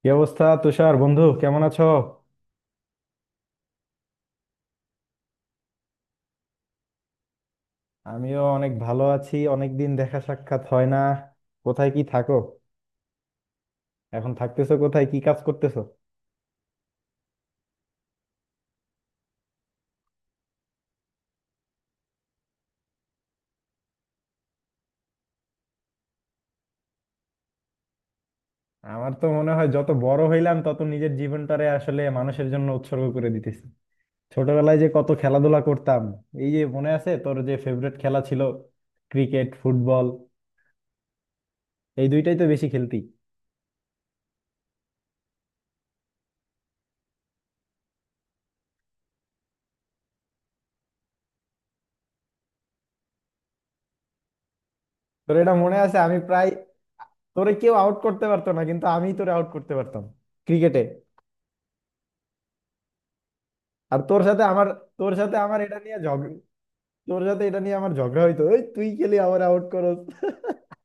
কি অবস্থা তুষার? বন্ধু কেমন আছো? আমিও অনেক ভালো আছি। অনেকদিন দেখা সাক্ষাৎ হয় না। কোথায় কি থাকো? এখন থাকতেছো কোথায়, কি কাজ করতেছো? আমার তো মনে হয় যত বড় হইলাম তত নিজের জীবনটারে আসলে মানুষের জন্য উৎসর্গ করে দিতেছি। ছোটবেলায় যে কত খেলাধুলা করতাম। এই যে, মনে আছে তোর যে ফেভারিট খেলা ছিল ক্রিকেট, ফুটবল, এই দুইটাই তো বেশি খেলতি। তোর এটা মনে আছে, আমি প্রায় তোরে কেউ আউট করতে পারতো না কিন্তু আমি তোরে আউট করতে পারতাম ক্রিকেটে। আর তোর সাথে আমার তোর সাথে আমার এটা নিয়ে ঝগড়া তোর সাথে এটা নিয়ে আমার ঝগড়া হইতো, ওই তুই খেলি আমার আউট করস।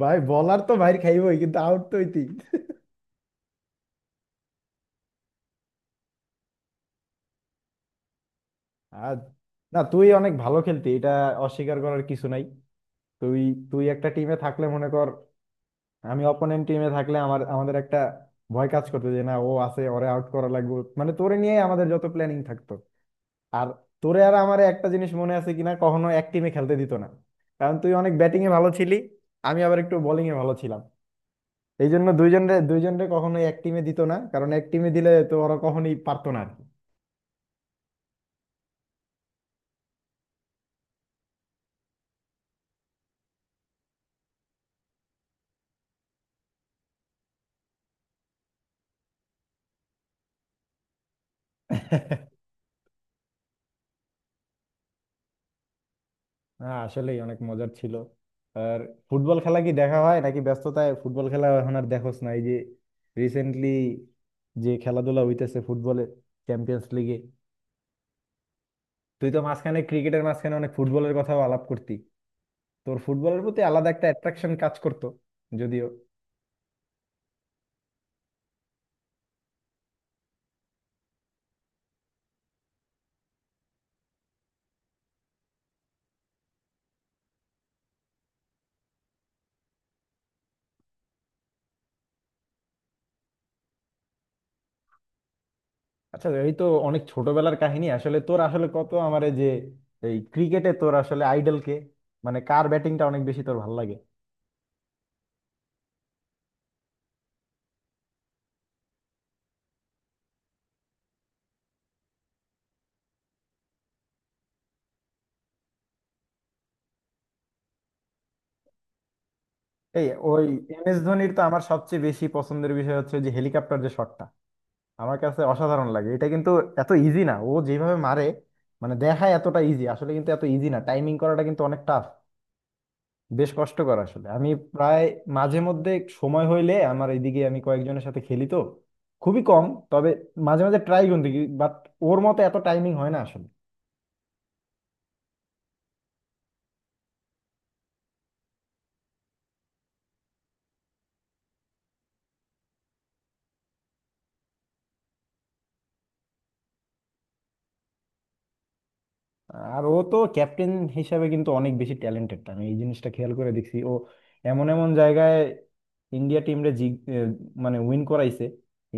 ভাই বলার তো ভাই, খাইবই কিন্তু আউট তো হইতেই। আর, না, তুই অনেক ভালো খেলতি, এটা অস্বীকার করার কিছু নাই। তুই তুই একটা টিমে থাকলে, মনে কর আমি অপোনেন্ট টিমে থাকলে, আমাদের একটা ভয় কাজ করতো যে না, ও আছে, ওরে আউট করা লাগবে, মানে তোরে নিয়ে আমাদের যত প্ল্যানিং থাকতো। আর তোরে আর আমার একটা জিনিস মনে আছে কিনা, কখনো এক টিমে খেলতে দিত না, কারণ তুই অনেক ব্যাটিং এ ভালো ছিলি, আমি আবার একটু বোলিং এ ভালো ছিলাম। এই জন্য দুইজনরে দুইজনরে কখনোই এক টিমে দিত না, কারণ এক টিমে দিলে তো ওরা কখনোই পারতো না আর কি। হ্যাঁ, আসলেই অনেক মজার ছিল। আর ফুটবল খেলা কি দেখা হয় নাকি, ব্যস্ততায় ফুটবল খেলা এখন আর দেখোস না? এই যে রিসেন্টলি যে খেলাধুলা হইতেছে ফুটবলের, চ্যাম্পিয়ন্স লিগে। তুই তো মাঝখানে, ক্রিকেটের মাঝখানে, অনেক ফুটবলের কথাও আলাপ করতি। তোর ফুটবলের প্রতি আলাদা একটা অ্যাট্রাকশন কাজ করতো, যদিও। আচ্ছা, এই তো অনেক ছোটবেলার কাহিনী। আসলে তোর আসলে কত আমার এই যে, এই ক্রিকেটে তোর আসলে আইডল কে? মানে কার ব্যাটিংটা অনেক বেশি তোর ভালো লাগে? এই ওই এম এস ধোনির তো আমার সবচেয়ে বেশি পছন্দের বিষয় হচ্ছে যে হেলিকপ্টার যে শটটা, আমার কাছে অসাধারণ লাগে। এটা কিন্তু এত ইজি না ও যেভাবে মারে। মানে দেখায় এতটা ইজি আসলে, কিন্তু এত ইজি না, টাইমিং করাটা কিন্তু অনেক টাফ, বেশ কষ্টকর। আসলে আমি প্রায় মাঝে মধ্যে সময় হইলে, আমার এইদিকে আমি কয়েকজনের সাথে খেলি তো, খুবই কম। তবে মাঝে মাঝে ট্রাই কিন্তু, বাট ওর মতো এত টাইমিং হয় না আসলে। আর ও তো ক্যাপ্টেন হিসাবে কিন্তু অনেক বেশি ট্যালেন্টেড, আমি এই জিনিসটা খেয়াল করে দেখছি। ও এমন এমন জায়গায় ইন্ডিয়া টিমরে এ, মানে উইন করাইছে,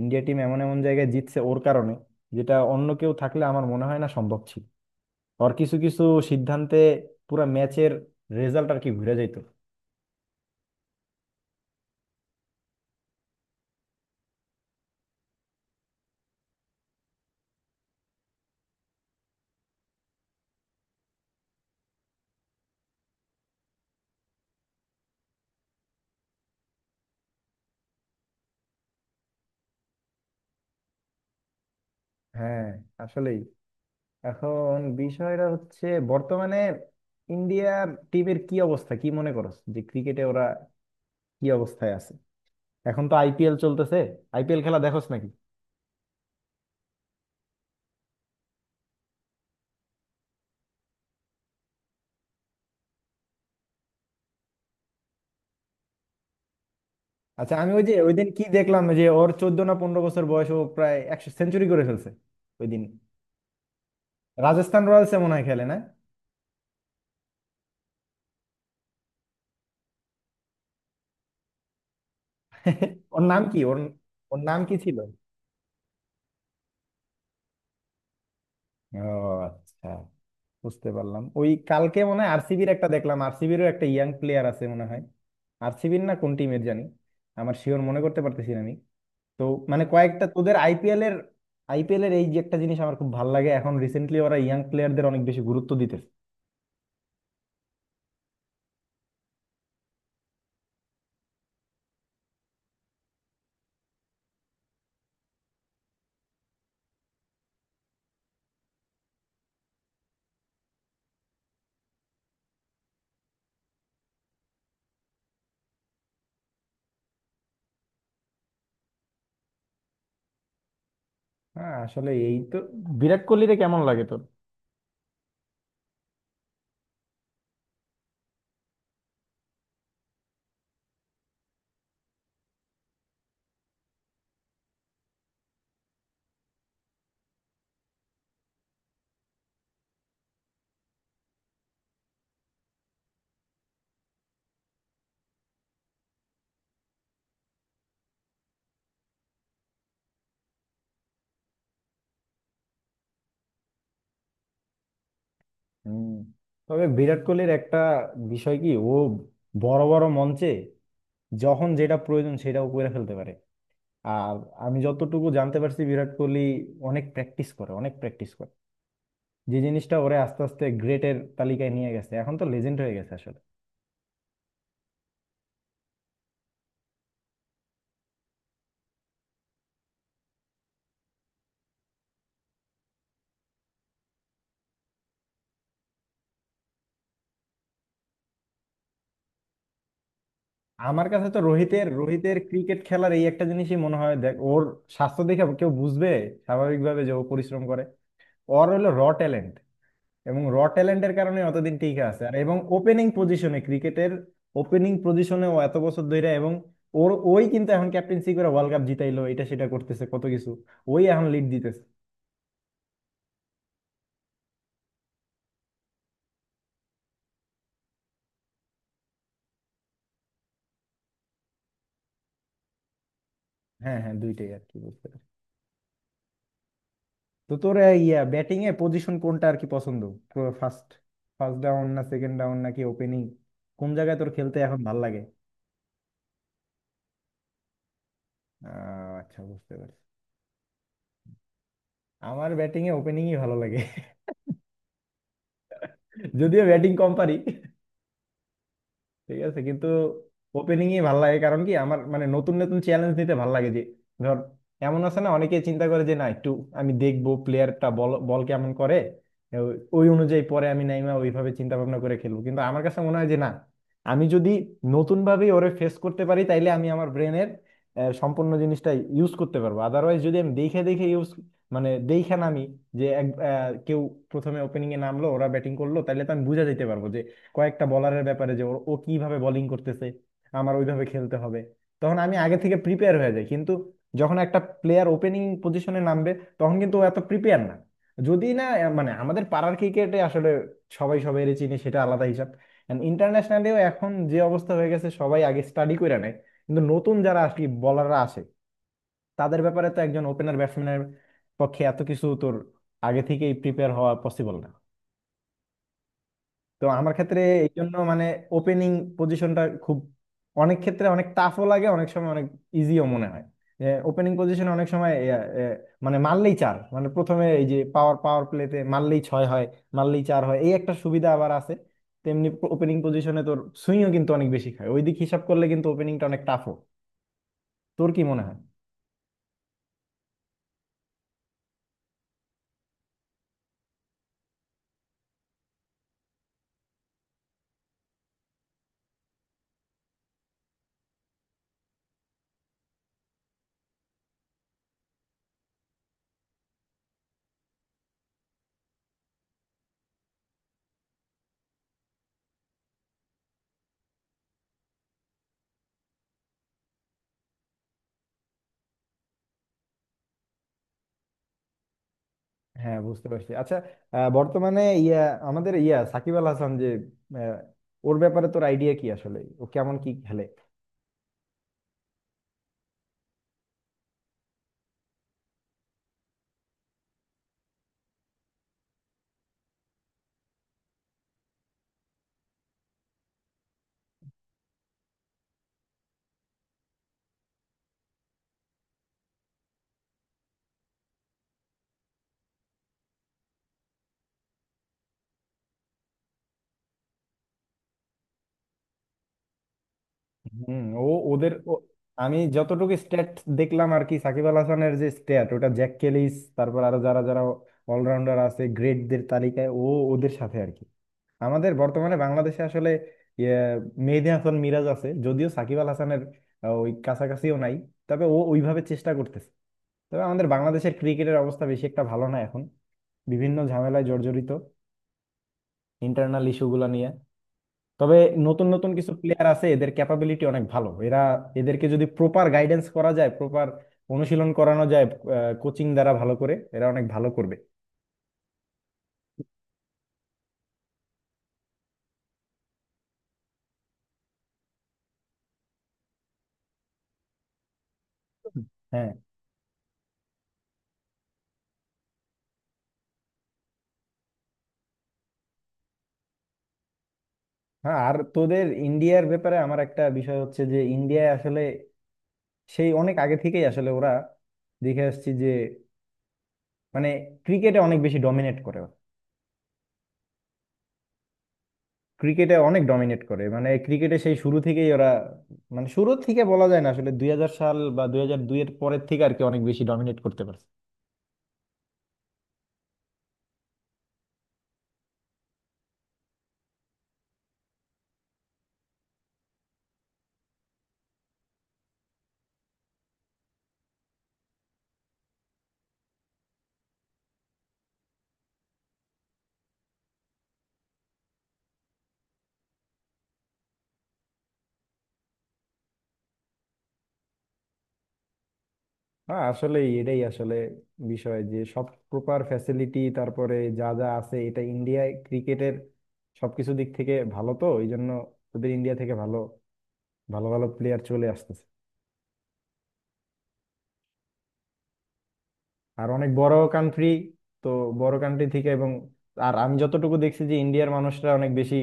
ইন্ডিয়া টিম এমন এমন জায়গায় জিতছে ওর কারণে, যেটা অন্য কেউ থাকলে আমার মনে হয় না সম্ভব ছিল। ওর কিছু কিছু সিদ্ধান্তে পুরা ম্যাচের রেজাল্ট আর কি ঘুরে যেত। হ্যাঁ, আসলেই। এখন বিষয়টা হচ্ছে, বর্তমানে ইন্ডিয়া টিমের কি অবস্থা, কি মনে করো, যে ক্রিকেটে ওরা কি অবস্থায় আছে? এখন তো আইপিএল চলতেছে, আইপিএল খেলা দেখোস নাকি? আচ্ছা, আমি ওই যে ওই দিন কি দেখলাম, যে ওর 14 না 15 বছর বয়স, ও প্রায় 100 সেঞ্চুরি করে ফেলছে ওই দিন। রাজস্থান রয়্যালস মনে হয় খেলে না? ওর নাম কি ওর ওর নাম কি ছিল? ও, আচ্ছা, বুঝতে পারলাম। ওই কালকে মনে হয় আরসিবির একটা দেখলাম, আরসিবিরও একটা ইয়াং প্লেয়ার আছে মনে হয়। আরসিবির না কোন টিমের জানি, আমার শিওর মনে করতে পারতেছি না আমি। তো, মানে কয়েকটা তোদের আইপিএল এর, আইপিএল এর এই যে একটা জিনিস আমার খুব ভালো লাগে, এখন রিসেন্টলি ওরা ইয়াং প্লেয়ারদের অনেক বেশি গুরুত্ব দিতেছে। হ্যাঁ, আসলে এই তো, বিরাট কোহলিরে কেমন লাগে তোর? হুম। তবে বিরাট কোহলির একটা বিষয় কি, ও বড় বড় মঞ্চে যখন যেটা প্রয়োজন সেটাও করে ফেলতে পারে। আর আমি যতটুকু জানতে পারছি, বিরাট কোহলি অনেক প্র্যাকটিস করে, অনেক প্র্যাকটিস করে, যে জিনিসটা ওরে আস্তে আস্তে গ্রেটের তালিকায় নিয়ে গেছে, এখন তো লেজেন্ড হয়ে গেছে আসলে। আমার কাছে তো রোহিতের রোহিতের ক্রিকেট খেলার এই একটা জিনিসই মনে হয়, দেখ ওর স্বাস্থ্য দেখে কেউ বুঝবে স্বাভাবিকভাবে যে ও পরিশ্রম করে? ওর হলো র ট্যালেন্ট, এবং র ট্যালেন্টের কারণে অতদিন টিকে আছে। আর, এবং ওপেনিং পজিশনে ক্রিকেটের ওপেনিং পজিশনে ও এত বছর ধরে, এবং ওর ওই কিন্তু এখন ক্যাপ্টেন্সি করে ওয়ার্ল্ড কাপ জিতাইলো, এটা সেটা করতেছে কত কিছু, ওই এখন লিড দিতেছে। হ্যাঁ, হ্যাঁ, দুইটাই আর কি বলতে পারি। তো তোর এই, ইয়া ব্যাটিং এ পজিশন কোনটা আর কি পছন্দ? ফার্স্ট ফার্স্ট ডাউন না সেকেন্ড ডাউন নাকি ওপেনিং, কোন জায়গায় তোর খেলতে এখন ভাল লাগে? আচ্ছা, বুঝতে পারছি। আমার ব্যাটিং এ ওপেনিংই ভালো লাগে। যদিও ব্যাটিং কম পারি, ঠিক আছে, কিন্তু ওপেনিং ই ভালো লাগে। কারণ কি, আমার মানে নতুন নতুন চ্যালেঞ্জ নিতে ভালো লাগে। যে ধর, এমন আছে না, অনেকে চিন্তা করে যে না, একটু আমি দেখবো প্লেয়ারটা বল বল কেমন করে, ওই অনুযায়ী পরে আমি নাইমা ওইভাবে চিন্তা ভাবনা করে খেলবো, কিন্তু আমার কাছে মনে হয় যে না, আমি যদি নতুন ভাবে ওরে ফেস করতে পারি তাইলে আমি আমার ব্রেনের সম্পূর্ণ জিনিসটা ইউজ করতে পারবো। আদারওয়াইজ যদি আমি দেখে দেখে ইউজ মানে দেখে নামি, যে কেউ প্রথমে ওপেনিং এ নামলো, ওরা ব্যাটিং করলো, তাহলে তো আমি বুঝা যেতে পারবো কয়েকটা বলারের ব্যাপারে যে ওর ও কিভাবে বোলিং করতেছে, আমার ওইভাবে খেলতে হবে, তখন আমি আগে থেকে প্রিপেয়ার হয়ে যাই। কিন্তু যখন একটা প্লেয়ার ওপেনিং পজিশনে নামবে তখন কিন্তু ও এত প্রিপেয়ার না, যদি না মানে আমাদের পাড়ার ক্রিকেটে আসলে সবাই সবাই চিনি, সেটা আলাদা হিসাব। ইন্টারন্যাশনালিও এখন যে অবস্থা হয়ে গেছে, সবাই আগে স্টাডি করে নেয়, কিন্তু নতুন যারা আসলে বলাররা আসে, তাদের ব্যাপারে তো একজন ওপেনার ব্যাটসম্যানের পক্ষে এত কিছু তোর আগে থেকেই প্রিপেয়ার হওয়া পসিবল না। তো আমার ক্ষেত্রে এই জন্য মানে ওপেনিং পজিশনটা খুব অনেক ক্ষেত্রে অনেক টাফও লাগে, অনেক সময় অনেক ইজিও মনে হয়, যে ওপেনিং পজিশনে অনেক সময় এ, এ, মানে মারলেই চার, মানে প্রথমে এই যে পাওয়ার পাওয়ার প্লেতে মারলেই ছয় হয়, মারলেই চার হয়, এই একটা সুবিধা আবার আছে। তেমনি ওপেনিং পজিশনে তোর সুইংও কিন্তু অনেক বেশি খায়, ওই দিক হিসাব করলে কিন্তু ওপেনিংটা অনেক টাফও, তোর কি মনে হয়? হ্যাঁ, বুঝতে পারছি। আচ্ছা, বর্তমানে আমাদের সাকিব আল হাসান যে, ওর ব্যাপারে তোর আইডিয়া কি, আসলে ও কেমন কি খেলে? হুম। আমি যতটুকু স্ট্যাট দেখলাম আর কি, সাকিব আল হাসানের যে স্ট্যাট, ওটা জ্যাক কেলিস, তারপর আরো যারা যারা অলরাউন্ডার আছে গ্রেটদের তালিকায়, ও ওদের সাথে আর কি। আমাদের বর্তমানে বাংলাদেশে আসলে ইয়ে, মেহেদী হাসান মিরাজ আছে, যদিও সাকিব আল হাসানের ওই কাছাকাছিও নাই, তবে ও ওইভাবে চেষ্টা করতেছে। তবে আমাদের বাংলাদেশের ক্রিকেটের অবস্থা বেশি একটা ভালো না এখন, বিভিন্ন ঝামেলায় জর্জরিত ইন্টারনাল ইস্যুগুলো নিয়ে। তবে নতুন নতুন কিছু প্লেয়ার আছে, এদের ক্যাপাবিলিটি অনেক ভালো, এরা, এদেরকে যদি প্রপার গাইডেন্স করা যায়, প্রপার অনুশীলন করানো যায়, কোচিং দ্বারা ভালো করে, এরা অনেক ভালো করবে। হ্যাঁ, হ্যাঁ। আর তোদের ইন্ডিয়ার ব্যাপারে আমার একটা বিষয় হচ্ছে যে, ইন্ডিয়ায় আসলে সেই অনেক আগে থেকেই আসলে ওরা, দেখে আসছি যে মানে ক্রিকেটে অনেক বেশি ডমিনেট করে, ক্রিকেটে অনেক ডমিনেট করে, মানে ক্রিকেটে সেই শুরু থেকেই ওরা, মানে শুরু থেকে বলা যায় না আসলে, 2000 সাল বা 2002 এর পরের থেকে আর কি অনেক বেশি ডমিনেট করতে পারে। হ্যাঁ, আসলে এটাই আসলে বিষয়, যে সব প্রকার ফ্যাসিলিটি, তারপরে যা যা আছে এটা ইন্ডিয়ায় ক্রিকেটের সবকিছু দিক থেকে ভালো, তো এই জন্য ওদের ইন্ডিয়া থেকে ভালো ভালো ভালো প্লেয়ার চলে আসতেছে। আর অনেক বড় কান্ট্রি, তো বড় কান্ট্রি থেকে, এবং আর আমি যতটুকু দেখছি যে ইন্ডিয়ার মানুষরা অনেক বেশি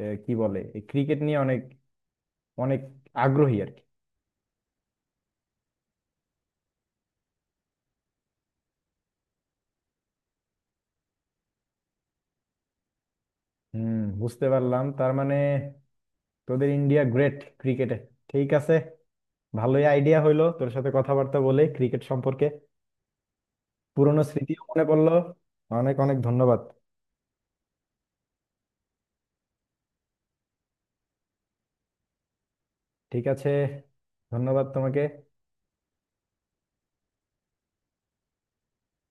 কি বলে, এই ক্রিকেট নিয়ে অনেক অনেক আগ্রহী আর কি। হুম, বুঝতে পারলাম। তার মানে তোদের ইন্ডিয়া গ্রেট ক্রিকেটে, ঠিক আছে। ভালোই আইডিয়া হইলো তোর সাথে কথাবার্তা বলে ক্রিকেট সম্পর্কে, পুরনো স্মৃতিও মনে পড়লো। অনেক অনেক ধন্যবাদ। ঠিক আছে, ধন্যবাদ তোমাকে।